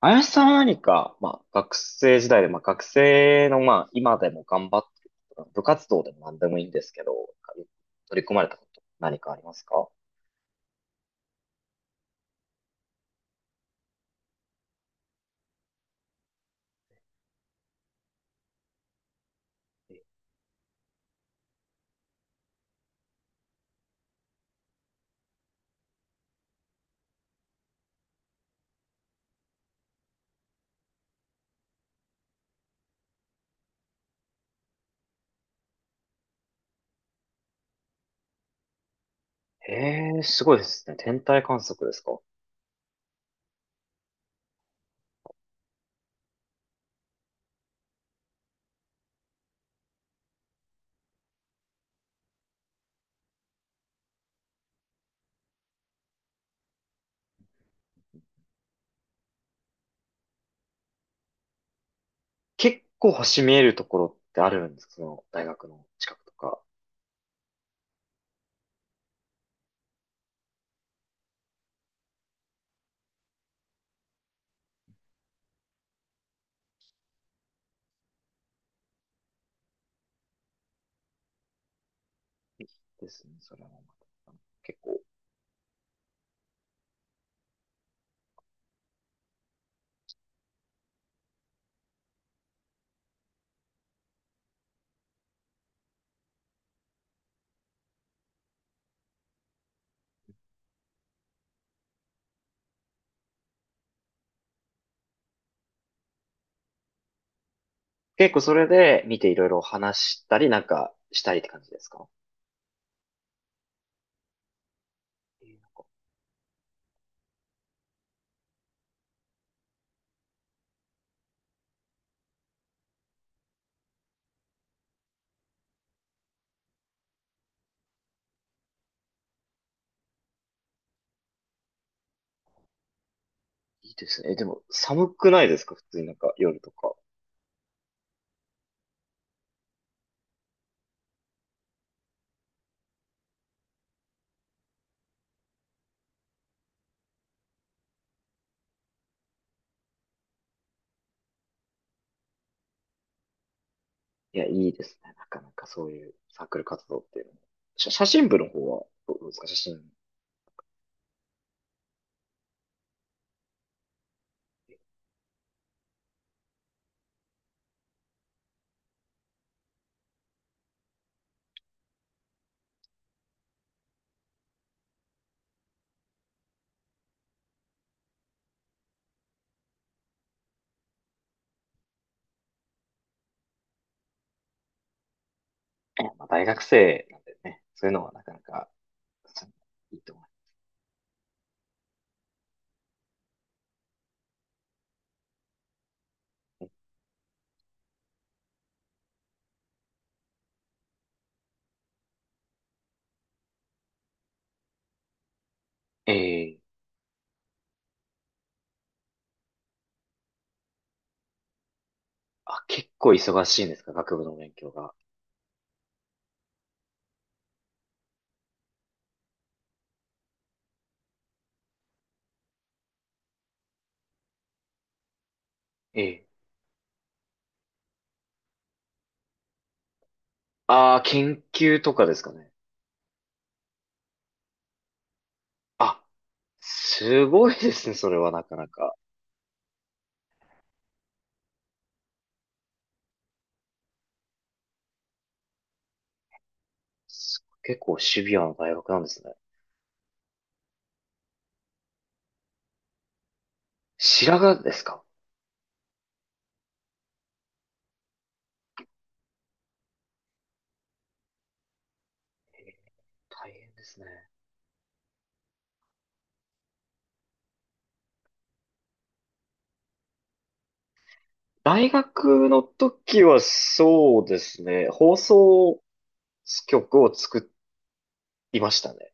林さんは何か、まあ、学生時代で、まあ、学生の、まあ、今でも頑張ってること、部活動でも何でもいいんですけど、取り組まれたこと何かありますか？ええー、すごいですね。天体観測ですか？結構星見えるところってあるんですか、その大学の近くとか？ですね。それもまた結構、結構それで見ていろいろ話したりなんかしたりって感じですか？えーいいですね。でも寒くないですか？普通になんか夜とか。いや、いいですね。なかなかそういうサークル活動っていうのも。写真部の方はどうですか、写真。まあ、大学生なんでね。そういうのはなかなか、ういいと思います。ええ。あ、結構忙しいんですか、学部の勉強が？ええ。ああ、研究とかですかね？あ、すごいですね。それはなかなか。結構シビアな大学なんですね。白髪ですか？ええ、大変ですね。大学の時はそうですね、放送曲を作りましたね。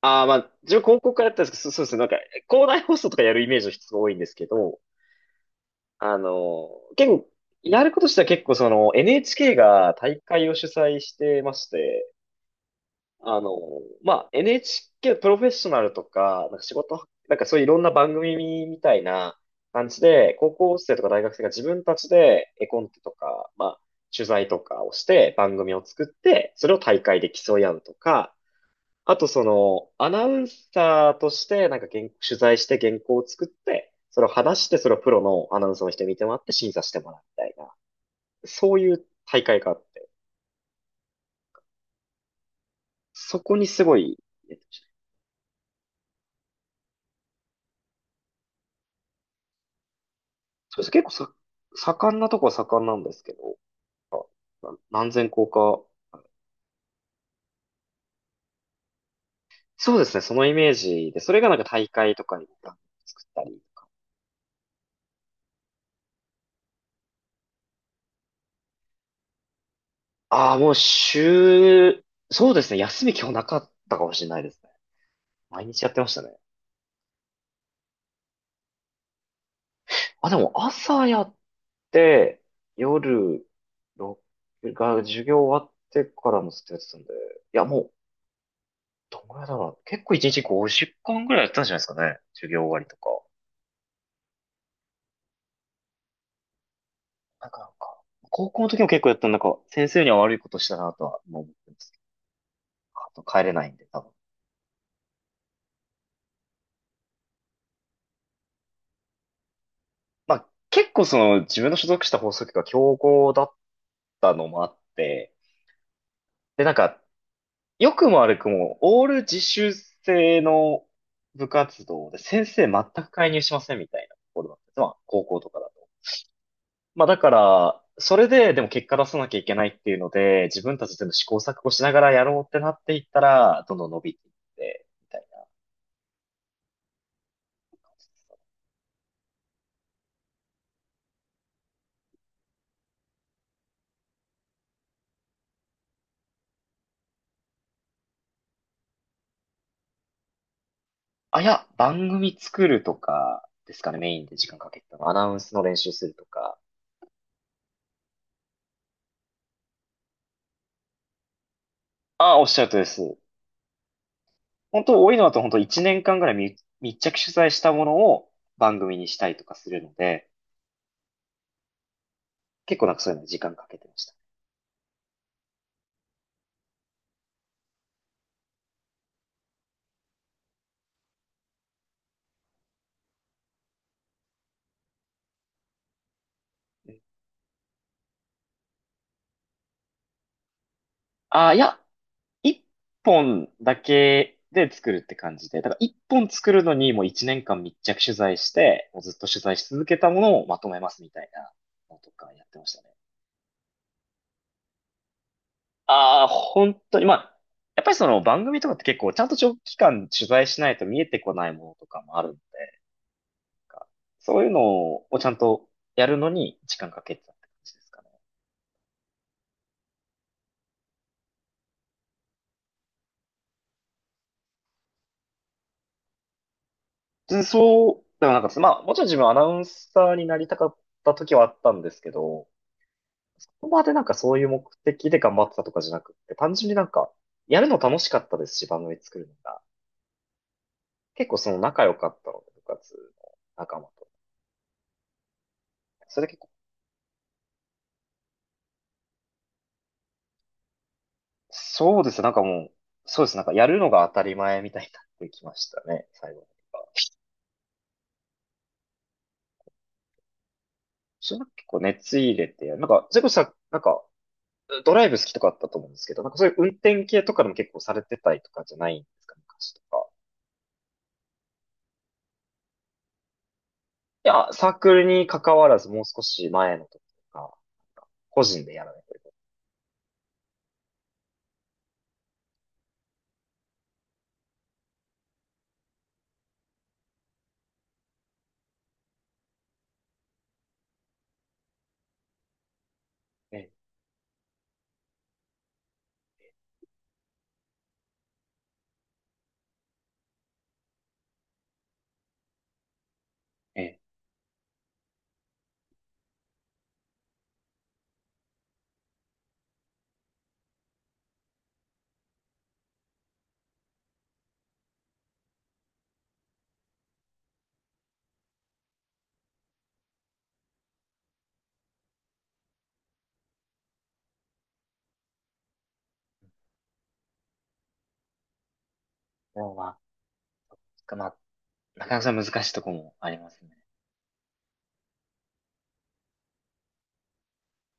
ああ、まあ、自分高校からやったんですけど、そうですね、なんか、校内放送とかやるイメージの人が多いんですけど、あの、結構、やることとしては結構その NHK が大会を主催してまして、あの、まあ、NHK プロフェッショナルとか、なんか仕事、なんかそういういろんな番組みたいな感じで、高校生とか大学生が自分たちで絵コンテとか、まあ、取材とかをして番組を作って、それを大会で競い合うとか、あとアナウンサーとして、なんか取材して原稿を作って、それを話して、それをプロのアナウンサーの人に見てもらって審査してもらうみたいな、そういう大会があって、そこにすごい、えっとそうです、結構さ、盛んなとこは盛んなんですけど、あ、何千校か。そうですね、そのイメージで、それがなんか大会とかに作ったりとか。ああ、もう週、そうですね、休み今日なかったかもしれないですね。毎日やってましたね。あ、でも朝やって夜ろくが授業終わってからもずっとやってたんで、いや、もうどんぐらいだろう。結構1日50間ぐらいやってたんじゃないですかね。授業終わりとか。なんか、高校の時も結構やったんでなんか先生には悪いことしたなとは今思ってますけど。あと帰れないんで多分。まあ結構その自分の所属した放送局が強豪だったのもあって、でなんか良くも悪くも、オール自習制の部活動で先生全く介入しませんみたいなところだったんです。まあ、高校とかだと。まあ、だから、それででも結果出さなきゃいけないっていうので、自分たちでも試行錯誤しながらやろうってなっていったら、どんどん伸びていって、みたいな。あ、いや、番組作るとかですかね、メインで時間かけてたの。アナウンスの練習するとか。あ、おっしゃるとりです。本当多いのだと本当1年間ぐらい密着取材したものを番組にしたりとかするので、結構なんかそういうのに時間かけてました。ああ、いや、一本だけで作るって感じで、だから一本作るのにもう1年間密着取材して、もうずっと取材し続けたものをまとめますみたいなのとかやってましたね。ああ、本当に、まあ、やっぱりその番組とかって結構ちゃんと長期間取材しないと見えてこないものとかもあるんで、なんかそういうのをちゃんとやるのに時間かけてたって感じですかね？うん。そうでも、なんか、まあ、もちろん自分アナウンサーになりたかった時はあったんですけど、そこまでなんかそういう目的で頑張ってたとかじゃなくって、単純になんか、やるの楽しかったですし、番組作るのが。結構その仲良かったので、部活の仲間と。それで結構、そうですね。なんかもう、そうです。なんかやるのが当たり前みたいになってきましたね、最後の方が。それなんか結構熱入れてやる。なんか、それこそさ、なんか、ドライブ好きとかあったと思うんですけど、なんかそういう運転系とかでも結構されてたりとかじゃないんですか、昔とか。いや、サークルに関わらずもう少し前の時とか、個人でやらないとですね。ええ。でもうまあ、まあ、なかなか難しいとこもありますね。